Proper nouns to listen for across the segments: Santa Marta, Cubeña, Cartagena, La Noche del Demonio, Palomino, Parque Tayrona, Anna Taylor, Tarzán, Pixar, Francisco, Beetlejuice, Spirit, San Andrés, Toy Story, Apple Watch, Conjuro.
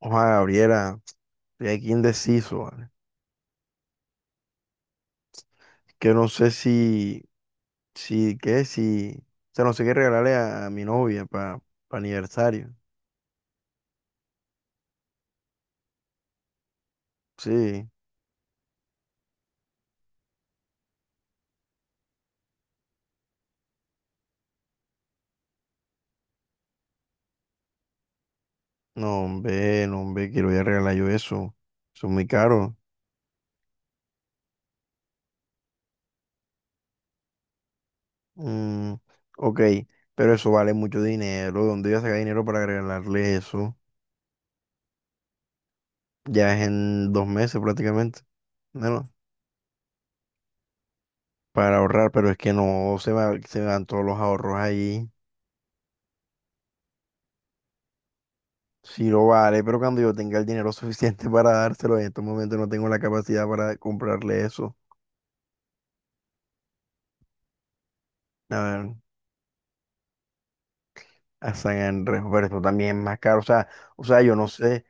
Ojalá, Gabriela, estoy aquí indeciso, ¿vale? Que no sé si, si, qué, si, o sea, no sé qué regalarle a mi novia para aniversario. Sí, no, hombre, no, hombre, quiero voy a regalar yo eso. Son muy caros. Mm, ok, pero eso vale mucho dinero. ¿Dónde voy a sacar dinero para regalarle eso? Ya es en 2 meses prácticamente. Bueno, para ahorrar, pero es que no, se me van todos los ahorros ahí. Sí, lo vale, pero cuando yo tenga el dinero suficiente para dárselo, en estos momentos no tengo la capacidad para comprarle eso. A ver, a San Andrés, pero eso también es más caro. O sea, yo no sé.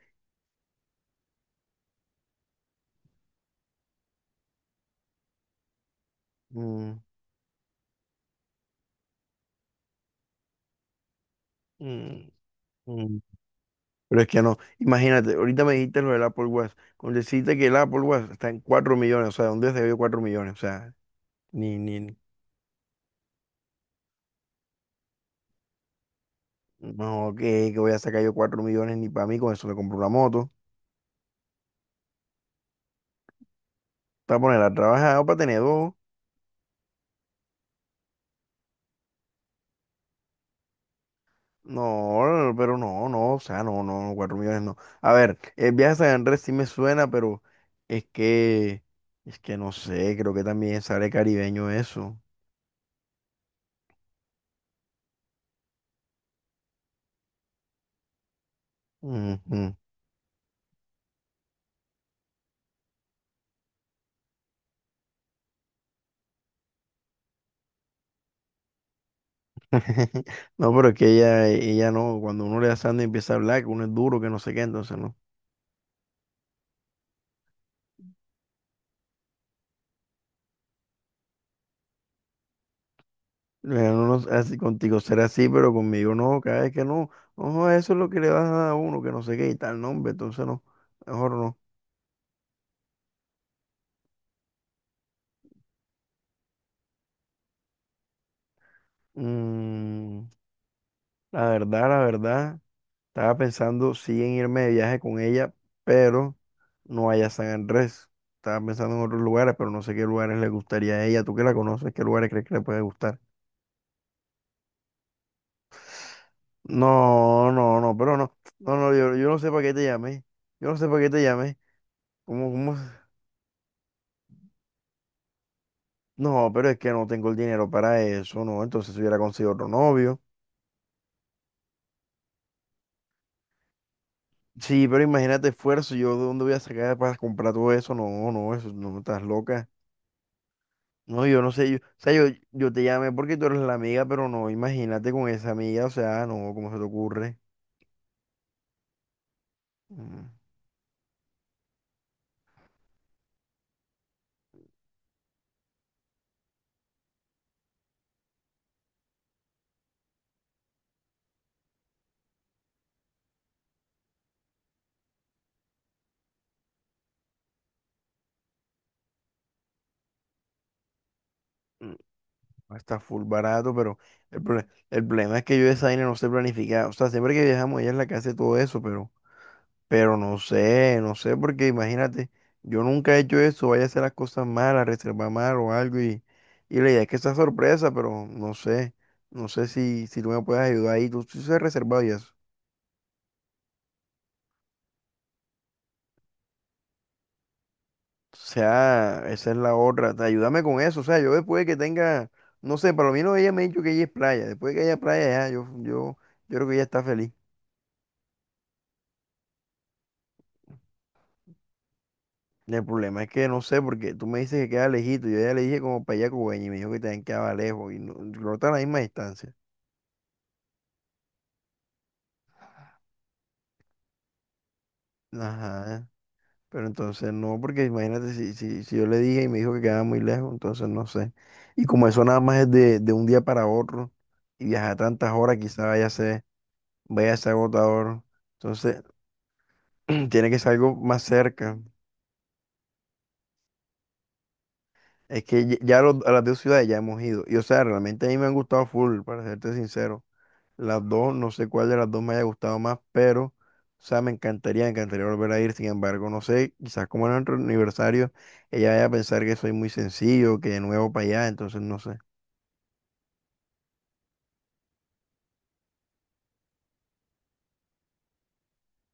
mm, mm, mm, Pero es que no. Imagínate, ahorita me dijiste lo del Apple Watch. Con decirte que el Apple Watch está en 4 millones, o sea, ¿dónde se yo 4 millones? O sea, ni, ni, ni- no, que voy a sacar yo 4 millones ni para mí, con eso me compro una moto. Para poner a trabajar o para tener dos. No, pero no, no, o sea, no, no, 4 millones no. A ver, el viaje a San Andrés sí me suena, pero es que, es que no sé, creo que también sale caribeño eso. Ujú. No, pero es que ella no, cuando uno le da sangre empieza a hablar, que uno es duro, que no sé qué, entonces no. Uno no- Así, contigo será así, pero conmigo no, cada vez que no, ojo, eso es lo que le das a uno, que no sé qué y tal, nombre, entonces no, mejor no. Mm, la verdad, la verdad. Estaba pensando sí en irme de viaje con ella, pero no allá a San Andrés. Estaba pensando en otros lugares, pero no sé qué lugares le gustaría a ella. Tú que la conoces, ¿qué lugares crees que le puede gustar? No, no, no, pero no. No, no, yo no sé para qué te llamé. Yo no sé para qué te llamé. ¿Cómo, cómo? No, pero es que no tengo el dinero para eso, ¿no? Entonces si hubiera conseguido otro novio. Sí, pero imagínate esfuerzo. ¿Yo de dónde voy a sacar para comprar todo eso? No, no, eso no, estás loca. No, yo no sé, yo, o sea, yo te llamé porque tú eres la amiga, pero no, imagínate con esa amiga, o sea, no, ¿cómo se te ocurre? Mm, mm, Está full barato, pero el problema es que yo esa vaina no sé planificar, o sea, siempre que viajamos ella es la que hace todo eso, pero, no sé, no sé, porque imagínate, yo nunca he hecho eso, vaya a hacer las cosas mal, a reservar mal o algo, y la idea es que sea sorpresa, pero no sé, no sé si, tú me puedes ayudar ahí, tú sí has reservado y eso. O sea, esa es la otra. Ayúdame con eso. O sea, yo después que tenga, no sé, para lo menos ella me ha dicho que ella es playa. Después de que haya playa, ya, yo creo que ella está feliz. El problema es que no sé, porque tú me dices que queda lejito. Yo ya le dije como para allá Cubeña y me dijo que también quedaba lejos y no, no está a la misma distancia. Ajá. Pero entonces no, porque imagínate si, si yo le dije y me dijo que quedaba muy lejos, entonces no sé. Y como eso nada más es de un día para otro y viajar tantas horas, quizás vaya a ser agotador. Entonces. Tiene que ser algo más cerca. Es que ya a las dos ciudades ya hemos ido. Y o sea, realmente a mí me han gustado full, para serte sincero. Las dos, no sé cuál de las dos me haya gustado más, pero, o sea, me encantaría volver a ir. Sin embargo, no sé, quizás como en nuestro aniversario, ella vaya a pensar que soy muy sencillo, que de nuevo para allá, entonces no sé.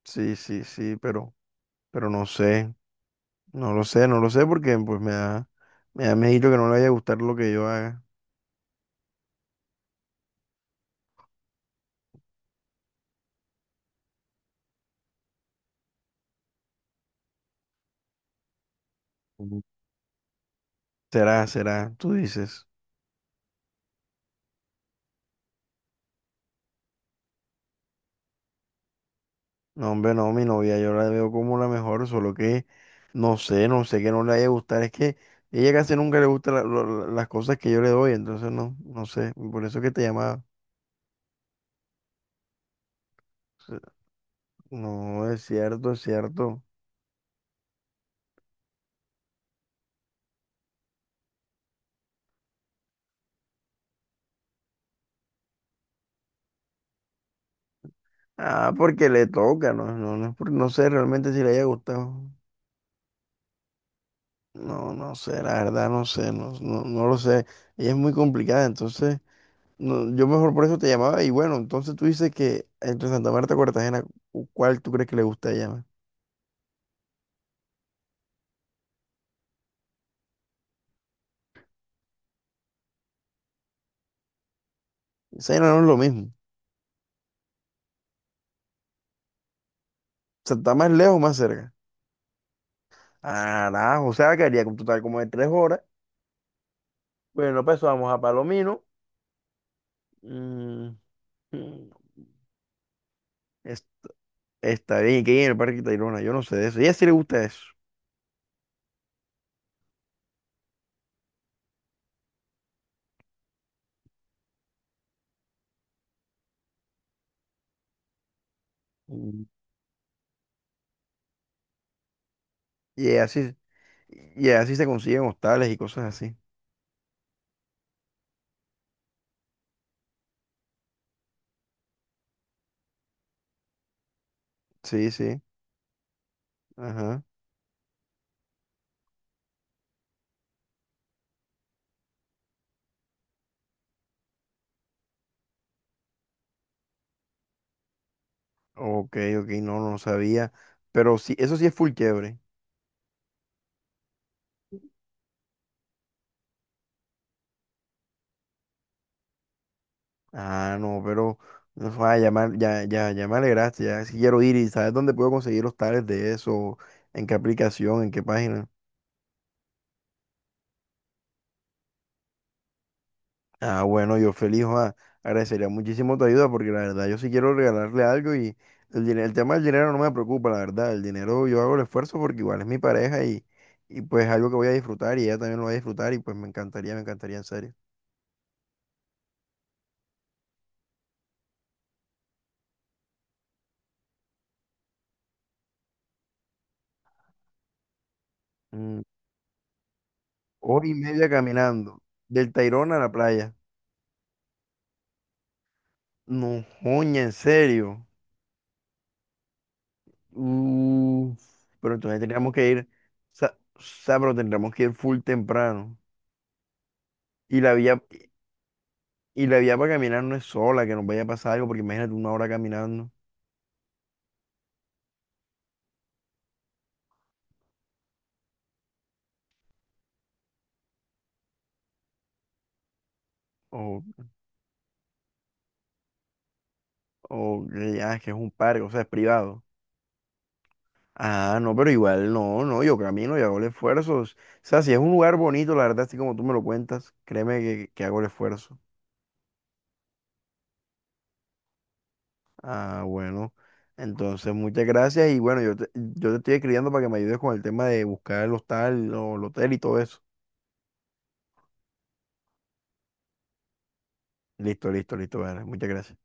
Sí, sí, sí, pero, no sé. No lo sé, no lo sé porque pues me da, miedito que no le vaya a gustar lo que yo haga. Ujú. Será, será, tú dices. No, hombre, no, mi novia, yo la veo como la mejor, solo que no sé, no sé que no le haya gustado. Es que ella casi nunca le gusta las cosas que yo le doy, entonces no, no sé. Por eso que te llamaba. No, es cierto, es cierto. Ah, porque le toca, no, no, no, no sé realmente si le haya gustado. No, no sé, la verdad no sé, no, no, no lo sé. Ella es muy complicada, entonces no, yo mejor por eso te llamaba. Y bueno, entonces tú dices que entre Santa Marta y Cartagena, ¿cuál tú crees que le gusta a ella más? Ese no es lo mismo. O sea, está más lejos, más cerca. Ah, o sea, que haría un total como de 3 horas. Bueno, pues vamos a Palomino. Mm, mm, es- Está bien, que en el Parque Tayrona, yo no sé de eso. Y a ella sí le gusta eso. Mm. Y así, se consiguen hostales y cosas así. Sí, sí. Ajá. Ok, ok, no, no sabía. Pero sí, eso sí es full quiebre. Ah, no, pero no, ya, ya, ya, ya me alegraste, ya sí quiero ir y ¿sabes dónde puedo conseguir los tales de eso? ¿En qué aplicación? ¿En qué página? Ah, bueno, yo feliz, agradecería muchísimo tu ayuda porque la verdad yo sí quiero regalarle algo y el tema del dinero no me preocupa, la verdad. El dinero yo hago el esfuerzo porque igual es mi pareja y pues es algo que voy a disfrutar y ella también lo va a disfrutar y pues me encantaría en serio. Mm, Hora y media caminando, del Tayrona a la playa. No, joña, en serio. Uf, pero entonces tendríamos que ir, o sea, pero tendríamos que ir full temprano. Y la vía, y la vía para caminar no es sola, que nos vaya a pasar algo, porque imagínate una hora caminando, o, o que ya es que es un parque, o sea, es privado. Ah, no, pero igual no, no, yo camino y hago el esfuerzo. O sea, si es un lugar bonito, la verdad, así como tú me lo cuentas, créeme que hago el esfuerzo. Ah, bueno. Entonces, muchas gracias y bueno, yo te estoy escribiendo para que me ayudes con el tema de buscar el hostal, o el hotel y todo eso. Listo, listo, listo. Vale, muchas gracias.